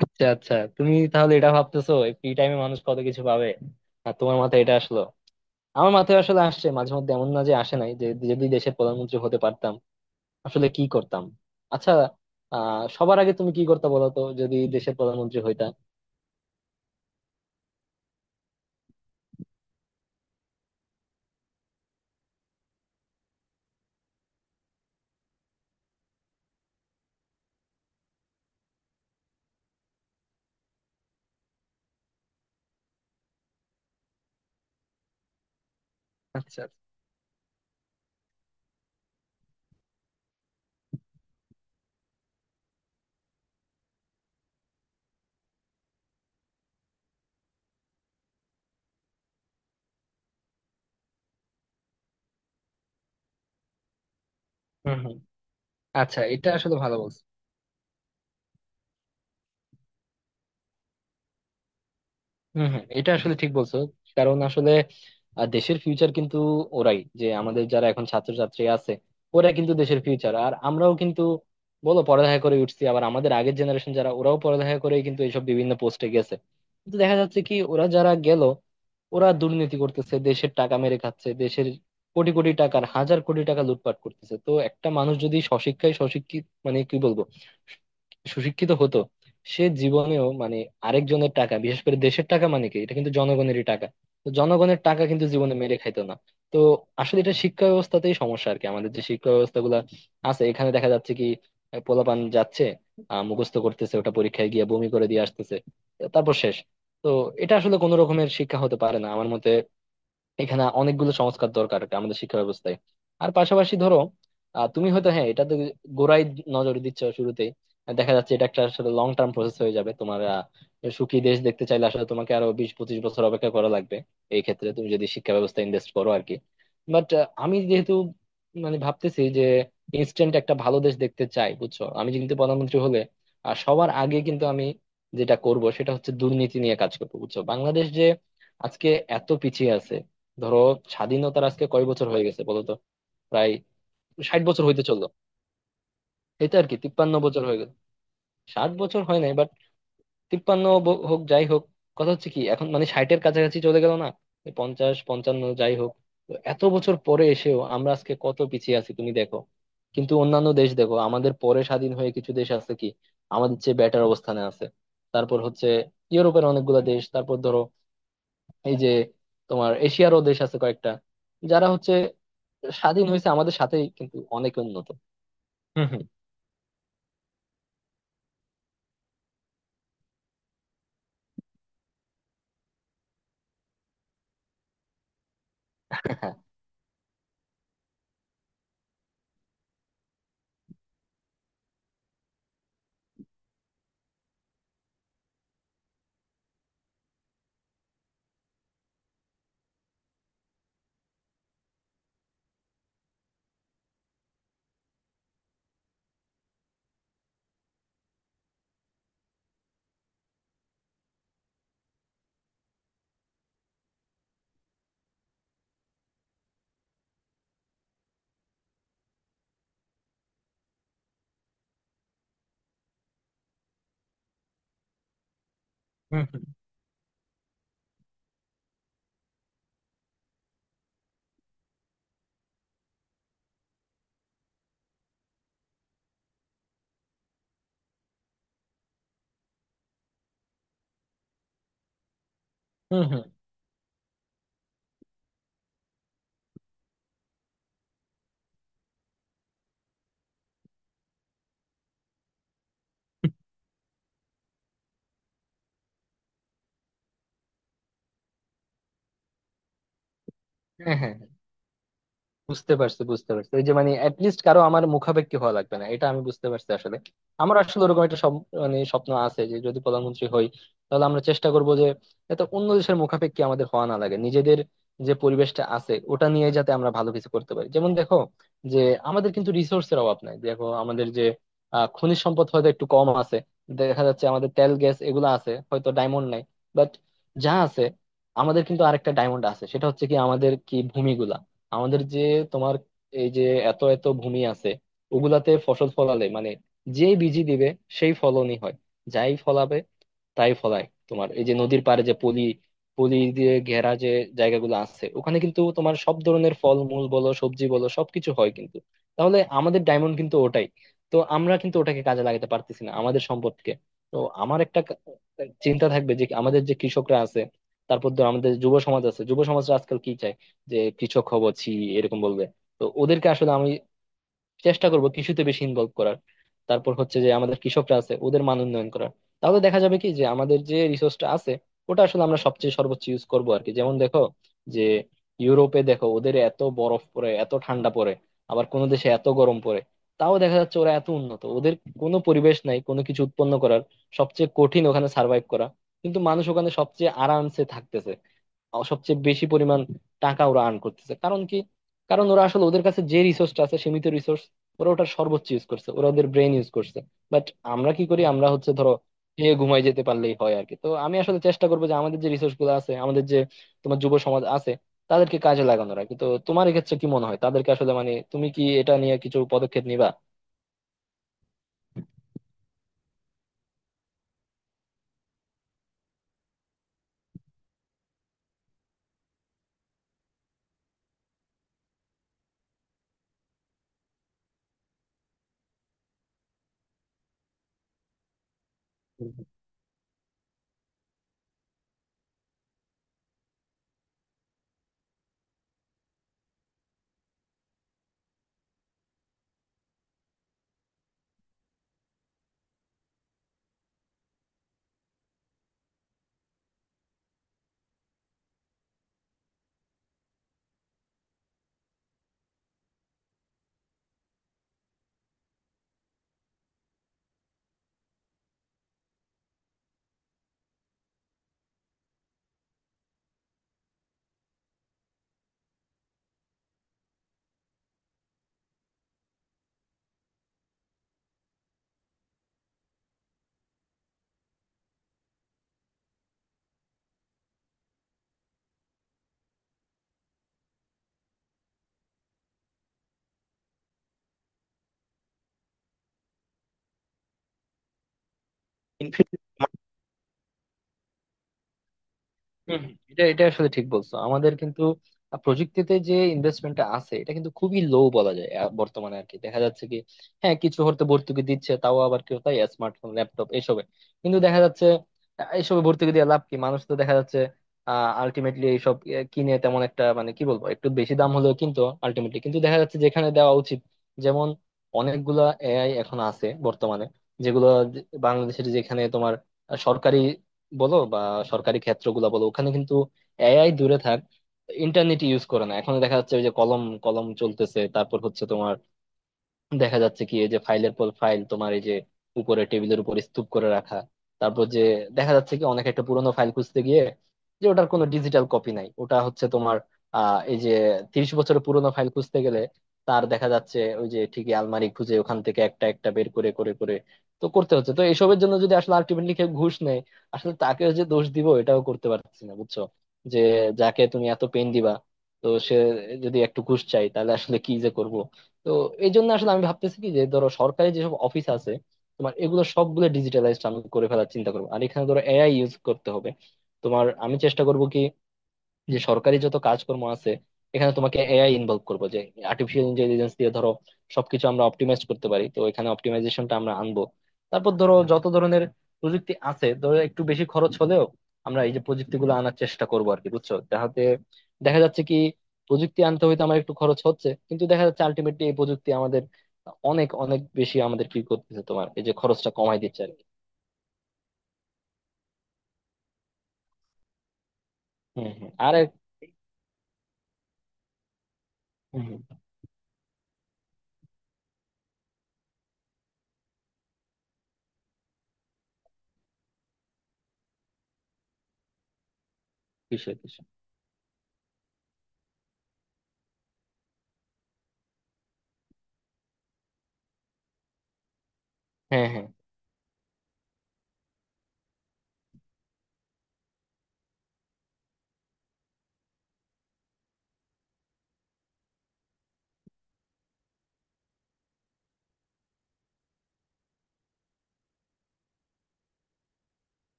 আচ্ছা, আচ্ছা, তুমি তাহলে এটা ভাবতেছো। ফ্রি টাইমে মানুষ কত কিছু পাবে, আর তোমার মাথায় এটা আসলো? আমার মাথায় আসলে আসছে, মাঝে মধ্যে, এমন না যে আসে নাই, যে যদি দেশের প্রধানমন্ত্রী হতে পারতাম আসলে কি করতাম। আচ্ছা, সবার আগে তুমি কি করতে বলো তো, যদি দেশের প্রধানমন্ত্রী হইতা। আচ্ছা, আচ্ছা। হম হম। আচ্ছা, এটা আসলে ভালো বলছো। হম হম, এটা আসলে ঠিক বলছো। কারণ আসলে দেশের ফিউচার কিন্তু ওরাই, যে আমাদের যারা এখন ছাত্রছাত্রী আছে ওরা কিন্তু দেশের ফিউচার। আর আমরাও কিন্তু, বলো, পড়ালেখা করে উঠছি, আবার আমাদের আগের জেনারেশন যারা ওরাও পড়ালেখা করে কিন্তু এইসব বিভিন্ন পোস্টে গেছে। কিন্তু দেখা যাচ্ছে কি, ওরা যারা গেল, ওরা দুর্নীতি করতেছে, দেশের টাকা মেরে খাচ্ছে, দেশের কোটি কোটি টাকার, হাজার কোটি টাকা লুটপাট করতেছে। তো একটা মানুষ যদি সশিক্ষায় সশিক্ষিত, মানে কি বলবো, সুশিক্ষিত হতো, সে জীবনেও মানে আরেকজনের টাকা, বিশেষ করে দেশের টাকা, মানে কি, এটা কিন্তু জনগণেরই টাকা। তো জনগণের টাকা কিন্তু জীবনে মেরে খাইতো না। তো আসলে এটা শিক্ষা ব্যবস্থাতেই সমস্যা আর কি। আমাদের যে শিক্ষা ব্যবস্থা গুলা আছে, এখানে দেখা যাচ্ছে কি পোলাপান যাচ্ছে, মুখস্থ করতেছে, ওটা পরীক্ষায় গিয়ে বমি করে দিয়ে আসতেছে, তারপর শেষ। তো এটা আসলে কোনো রকমের শিক্ষা হতে পারে না আমার মতে। এখানে অনেকগুলো সংস্কার দরকার আর কি, আমাদের শিক্ষা ব্যবস্থায়। আর পাশাপাশি ধরো তুমি হয়তো, হ্যাঁ, এটা তো গোড়ায় নজর দিচ্ছ শুরুতেই। দেখা যাচ্ছে এটা একটা আসলে লং টার্ম প্রসেস হয়ে যাবে তোমার। সুখী দেশ দেখতে চাইলে আসলে তোমাকে আরো 20-25 বছর অপেক্ষা করা লাগবে এই ক্ষেত্রে, তুমি যদি শিক্ষা ব্যবস্থা ইনভেস্ট করো আর কি। বাট আমি যেহেতু মানে ভাবতেছি যে ইনস্ট্যান্ট একটা ভালো দেশ দেখতে চাই, বুঝছো, আমি কিন্তু প্রধানমন্ত্রী হলে। আর সবার আগে কিন্তু আমি যেটা করব সেটা হচ্ছে দুর্নীতি নিয়ে কাজ করবো, বুঝছো। বাংলাদেশ যে আজকে এত পিছিয়ে আছে, ধরো, স্বাধীনতার আজকে কয় বছর হয়ে গেছে বলতো। প্রায় 60 বছর হইতে চললো। এই তো আর কি, 53 বছর হয়ে গেল। ষাট বছর হয় নাই, বাট তিপ্পান্ন হোক, যাই হোক। কথা হচ্ছে কি, এখন মানে ষাটের কাছাকাছি চলে গেল না, এই 50-55, যাই হোক। তো এত বছর পরে এসেও আমরা আজকে কত পিছিয়ে আছি, তুমি দেখো। কিন্তু অন্যান্য দেশ দেখো, আমাদের পরে স্বাধীন হয়ে কিছু দেশ আছে কি আমাদের চেয়ে বেটার অবস্থানে আছে। তারপর হচ্ছে ইউরোপের অনেকগুলা দেশ, তারপর ধরো এই যে তোমার এশিয়ারও দেশ আছে কয়েকটা যারা হচ্ছে স্বাধীন হয়েছে আমাদের সাথেই, কিন্তু অনেক উন্নত। হম হম। হ্যাঁ। হুম হুম। হম হম। হ্যাঁ হ্যাঁ, বুঝতে পারছি, বুঝতে পারছি, ওই যে মানে অ্যাটলিস্ট কারো, আমার মুখাপেক্ষী হওয়া লাগবে না, এটা আমি বুঝতে পারছি আসলে। আমার আসলে ওরকম একটা মানে স্বপ্ন আছে যে যদি প্রধানমন্ত্রী হই, তাহলে আমরা চেষ্টা করব যে এত অন্য দেশের মুখাপেক্ষী আমাদের হওয়া না লাগে। নিজেদের যে পরিবেশটা আছে ওটা নিয়ে যাতে আমরা ভালো কিছু করতে পারি। যেমন দেখো যে আমাদের কিন্তু রিসোর্সের অভাব নাই। দেখো আমাদের যে খনিজ সম্পদ হয়তো একটু কম আছে, দেখা যাচ্ছে আমাদের তেল গ্যাস এগুলো আছে, হয়তো ডায়মন্ড নাই। বাট যা আছে, আমাদের কিন্তু আরেকটা ডায়মন্ড আছে, সেটা হচ্ছে কি আমাদের কি ভূমিগুলা। আমাদের যে তোমার এই যে এত এত ভূমি আছে, ওগুলাতে ফসল ফলালে মানে যেই বীজই দিবে, সেই ফলনই হয়, যাই ফলাবে তাই ফলায়। তোমার এই যে নদীর পাড়ে যে পলি, পলি দিয়ে ঘেরা যে জায়গাগুলো আছে, ওখানে কিন্তু তোমার সব ধরনের ফল মূল বলো, সবজি বলো, সবকিছু হয় কিন্তু। তাহলে আমাদের ডায়মন্ড কিন্তু ওটাই। তো আমরা কিন্তু ওটাকে কাজে লাগাতে পারতেছি না, আমাদের সম্পদকে। তো আমার একটা চিন্তা থাকবে যে আমাদের যে কৃষকরা আছে, তারপর ধর আমাদের যুব সমাজ আছে, যুব সমাজরা আজকাল কি চায় যে কৃষক হব? ছি, এরকম বলবে। তো ওদেরকে আসলে আমি চেষ্টা করব কৃষিতে বেশি ইনভলভ করার। তারপর হচ্ছে যে আমাদের কৃষকরা আছে ওদের মান উন্নয়ন করার। তাহলে দেখা যাবে কি যে আমাদের যে রিসোর্সটা আছে ওটা আসলে আমরা সবচেয়ে সর্বোচ্চ ইউজ করবো আর কি। যেমন দেখো যে ইউরোপে দেখো, ওদের এত বরফ পড়ে, এত ঠান্ডা পড়ে, আবার কোনো দেশে এত গরম পড়ে, তাও দেখা যাচ্ছে ওরা এত উন্নত। ওদের কোনো পরিবেশ নাই কোনো কিছু উৎপন্ন করার, সবচেয়ে কঠিন ওখানে সার্ভাইভ করা, কিন্তু মানুষ ওখানে সবচেয়ে আরামসে থাকতেছে। সবচেয়ে বেশি পরিমাণ টাকা ওরা আর্ন করতেছে, কারণ কি? কারণ ওরা আসলে ওদের কাছে যে রিসোর্সটা আছে, সীমিত রিসোর্স, ওরা ওটার সর্বোচ্চ ইউজ করছে, ওরা ওদের ব্রেন ইউজ করছে। বাট আমরা কি করি? আমরা হচ্ছে ধরো খেয়ে ঘুমাই যেতে পারলেই হয় আর কি। তো আমি আসলে চেষ্টা করবো যে আমাদের যে রিসোর্স গুলো আছে, আমাদের যে তোমার যুব সমাজ আছে, তাদেরকে কাজে লাগানোর আর কি। তো তোমার এক্ষেত্রে কি মনে হয়, তাদেরকে আসলে মানে তুমি কি এটা নিয়ে কিছু পদক্ষেপ নিবা? ইনফ্যাক্ট হম হম, এটা এটা আসলে ঠিক বলছো, আমাদের কিন্তু প্রযুক্তিতে যে ইনভেস্টমেন্টটা আছে এটা কিন্তু খুবই লো বলা যায় বর্তমানে আর কি। দেখা যাচ্ছে কি, হ্যাঁ, কিছু হয়তো ভর্তুকি দিচ্ছে, তাও আবার কেউ তাই স্মার্টফোন, ল্যাপটপ এসবে। কিন্তু দেখা যাচ্ছে এসবে ভর্তুকি দিয়ে লাভ কি, মানুষ তো দেখা যাচ্ছে আলটিমেটলি এইসব কিনে তেমন একটা, মানে কি বলবো, একটু বেশি দাম হলেও কিন্তু আলটিমেটলি কিন্তু দেখা যাচ্ছে যেখানে দেওয়া উচিত, যেমন অনেকগুলা এআই এখন আছে বর্তমানে, যেগুলো বাংলাদেশের যেখানে তোমার সরকারি বলো বা সরকারি ক্ষেত্রগুলা বলো, ওখানে কিন্তু এআই দূরে থাক, ইন্টারনেট ইউজ করে না। এখন দেখা যাচ্ছে ওই যে কলম কলম চলতেছে, তারপর হচ্ছে তোমার দেখা যাচ্ছে কি এই যে ফাইলের পর ফাইল, তোমার এই যে উপরে টেবিলের উপর স্তূপ করে রাখা। তারপর যে দেখা যাচ্ছে কি অনেক একটা পুরোনো ফাইল খুঁজতে গিয়ে, যে ওটার কোনো ডিজিটাল কপি নাই, ওটা হচ্ছে তোমার এই যে 30 বছরের পুরোনো ফাইল খুঁজতে গেলে, তার দেখা যাচ্ছে ওই যে ঠিকই আলমারি খুঁজে ওখান থেকে একটা একটা বের করে করে করে তো করতে হচ্ছে। তো এইসবের জন্য যদি আসলে আলটিমেটলি কেউ ঘুষ নেয়, আসলে তাকে যে দোষ দিব এটাও করতে পারছি না, বুঝছো, যে যাকে তুমি এত পেন দিবা, তো সে যদি একটু ঘুষ চাই তাহলে আসলে কি যে করব। তো এই জন্য আসলে আমি ভাবতেছি কি যে ধরো সরকারি যেসব অফিস আছে তোমার, এগুলো সবগুলো ডিজিটালাইজড আমি করে ফেলার চিন্তা করবো। আর এখানে ধরো এআই ইউজ করতে হবে তোমার। আমি চেষ্টা করব কি যে সরকারি যত কাজকর্ম আছে এখানে তোমাকে এআই ইনভলভ করবো, যে আর্টিফিশিয়াল ইন্টেলিজেন্স দিয়ে ধরো সবকিছু আমরা অপটিমাইজ করতে পারি। তো এখানে অপটিমাইজেশনটা আমরা আনবো। তারপর ধরো যত ধরনের প্রযুক্তি আছে, ধরো একটু বেশি খরচ হলেও আমরা এই যে প্রযুক্তিগুলো আনার চেষ্টা করবো আর কি, বুঝছো, যাহাতে দেখা যাচ্ছে কি প্রযুক্তি আনতে হয়তো আমার একটু খরচ হচ্ছে, কিন্তু দেখা যাচ্ছে আলটিমেটলি এই প্রযুক্তি আমাদের অনেক অনেক বেশি আমাদের কি করতেছে, তোমার এই যে খরচটা কমাই দিচ্ছে আর কি। হম হম। আর হুম, হুম, বিষয় বিষয়। হ্যাঁ হ্যাঁ।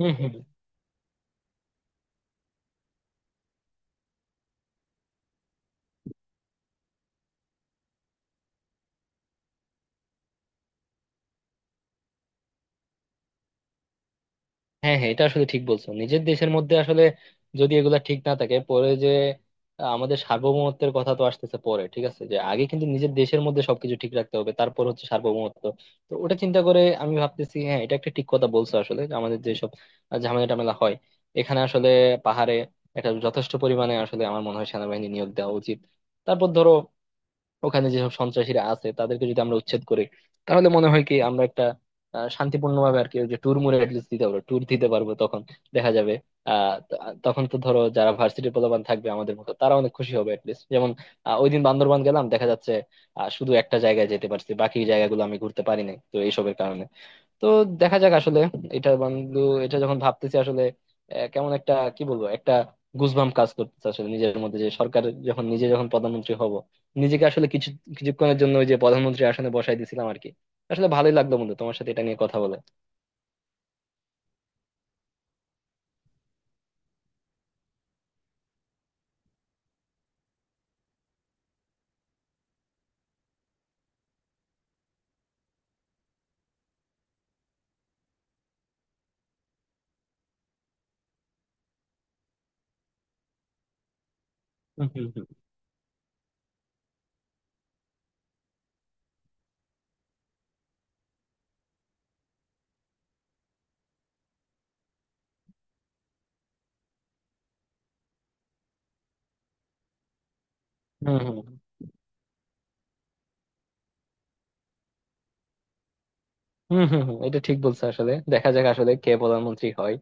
হম হম। হ্যাঁ হ্যাঁ, এটা আসলে ঠিক বলছো। নিজের দেশের মধ্যে আসলে যদি এগুলা ঠিক না থাকে পরে যে আমাদের সার্বভৌমত্বের কথা তো আসতেছে পরে, ঠিক আছে? যে আগে কিন্তু নিজের দেশের মধ্যে সবকিছু ঠিক রাখতে হবে, তারপর হচ্ছে সার্বভৌমত্ব। তো ওটা চিন্তা করে আমি ভাবতেছি, হ্যাঁ, এটা একটা ঠিক কথা বলছো আসলে, যে আমাদের যেসব ঝামেলা টামেলা হয় এখানে, আসলে পাহাড়ে একটা যথেষ্ট পরিমাণে আসলে আমার মনে হয় সেনাবাহিনী নিয়োগ দেওয়া উচিত। তারপর ধরো ওখানে যেসব সন্ত্রাসীরা আছে তাদেরকে যদি আমরা উচ্ছেদ করি, তাহলে মনে হয় কি আমরা একটা শান্তিপূর্ণভাবে আর কি ওই যে ট্যুর মুড়ে অ্যাটলিস্ট দিতে পারবো, ট্যুর দিতে পারবো তখন। দেখা যাবে আহ ত- তখন তো ধরো যারা ভার্সিটির পোলাপান থাকবে আমাদের মতো, তারা অনেক খুশি হবে অ্যাটলিস্ট। যেমন ওই দিন বান্দরবান গেলাম, দেখা যাচ্ছে শুধু একটা জায়গায় যেতে পারছি, বাকি জায়গাগুলো আমি ঘুরতে পারি নাই, তো এইসবের কারণে। তো দেখা যাক আসলে। এটা বন্ধু, এটা যখন ভাবতেছি আসলে কেমন একটা, কি বলবো, একটা গুজবাম কাজ করতেছে আসলে নিজের মধ্যে, যে সরকার যখন নিজে যখন প্রধানমন্ত্রী হব, নিজেকে আসলে কিছু কিছুক্ষণের জন্য ওই যে প্রধানমন্ত্রী আসনে বসাই দিছিলাম আর কি। আসলে ভালোই লাগলো বন্ধু তোমার সাথে এটা নিয়ে কথা বলে। হম হম। হম হম। হম হম। হম, হম, এটা ঠিক বলছো আসলে। দেখা যাক আসলে কে প্রধানমন্ত্রী হয়।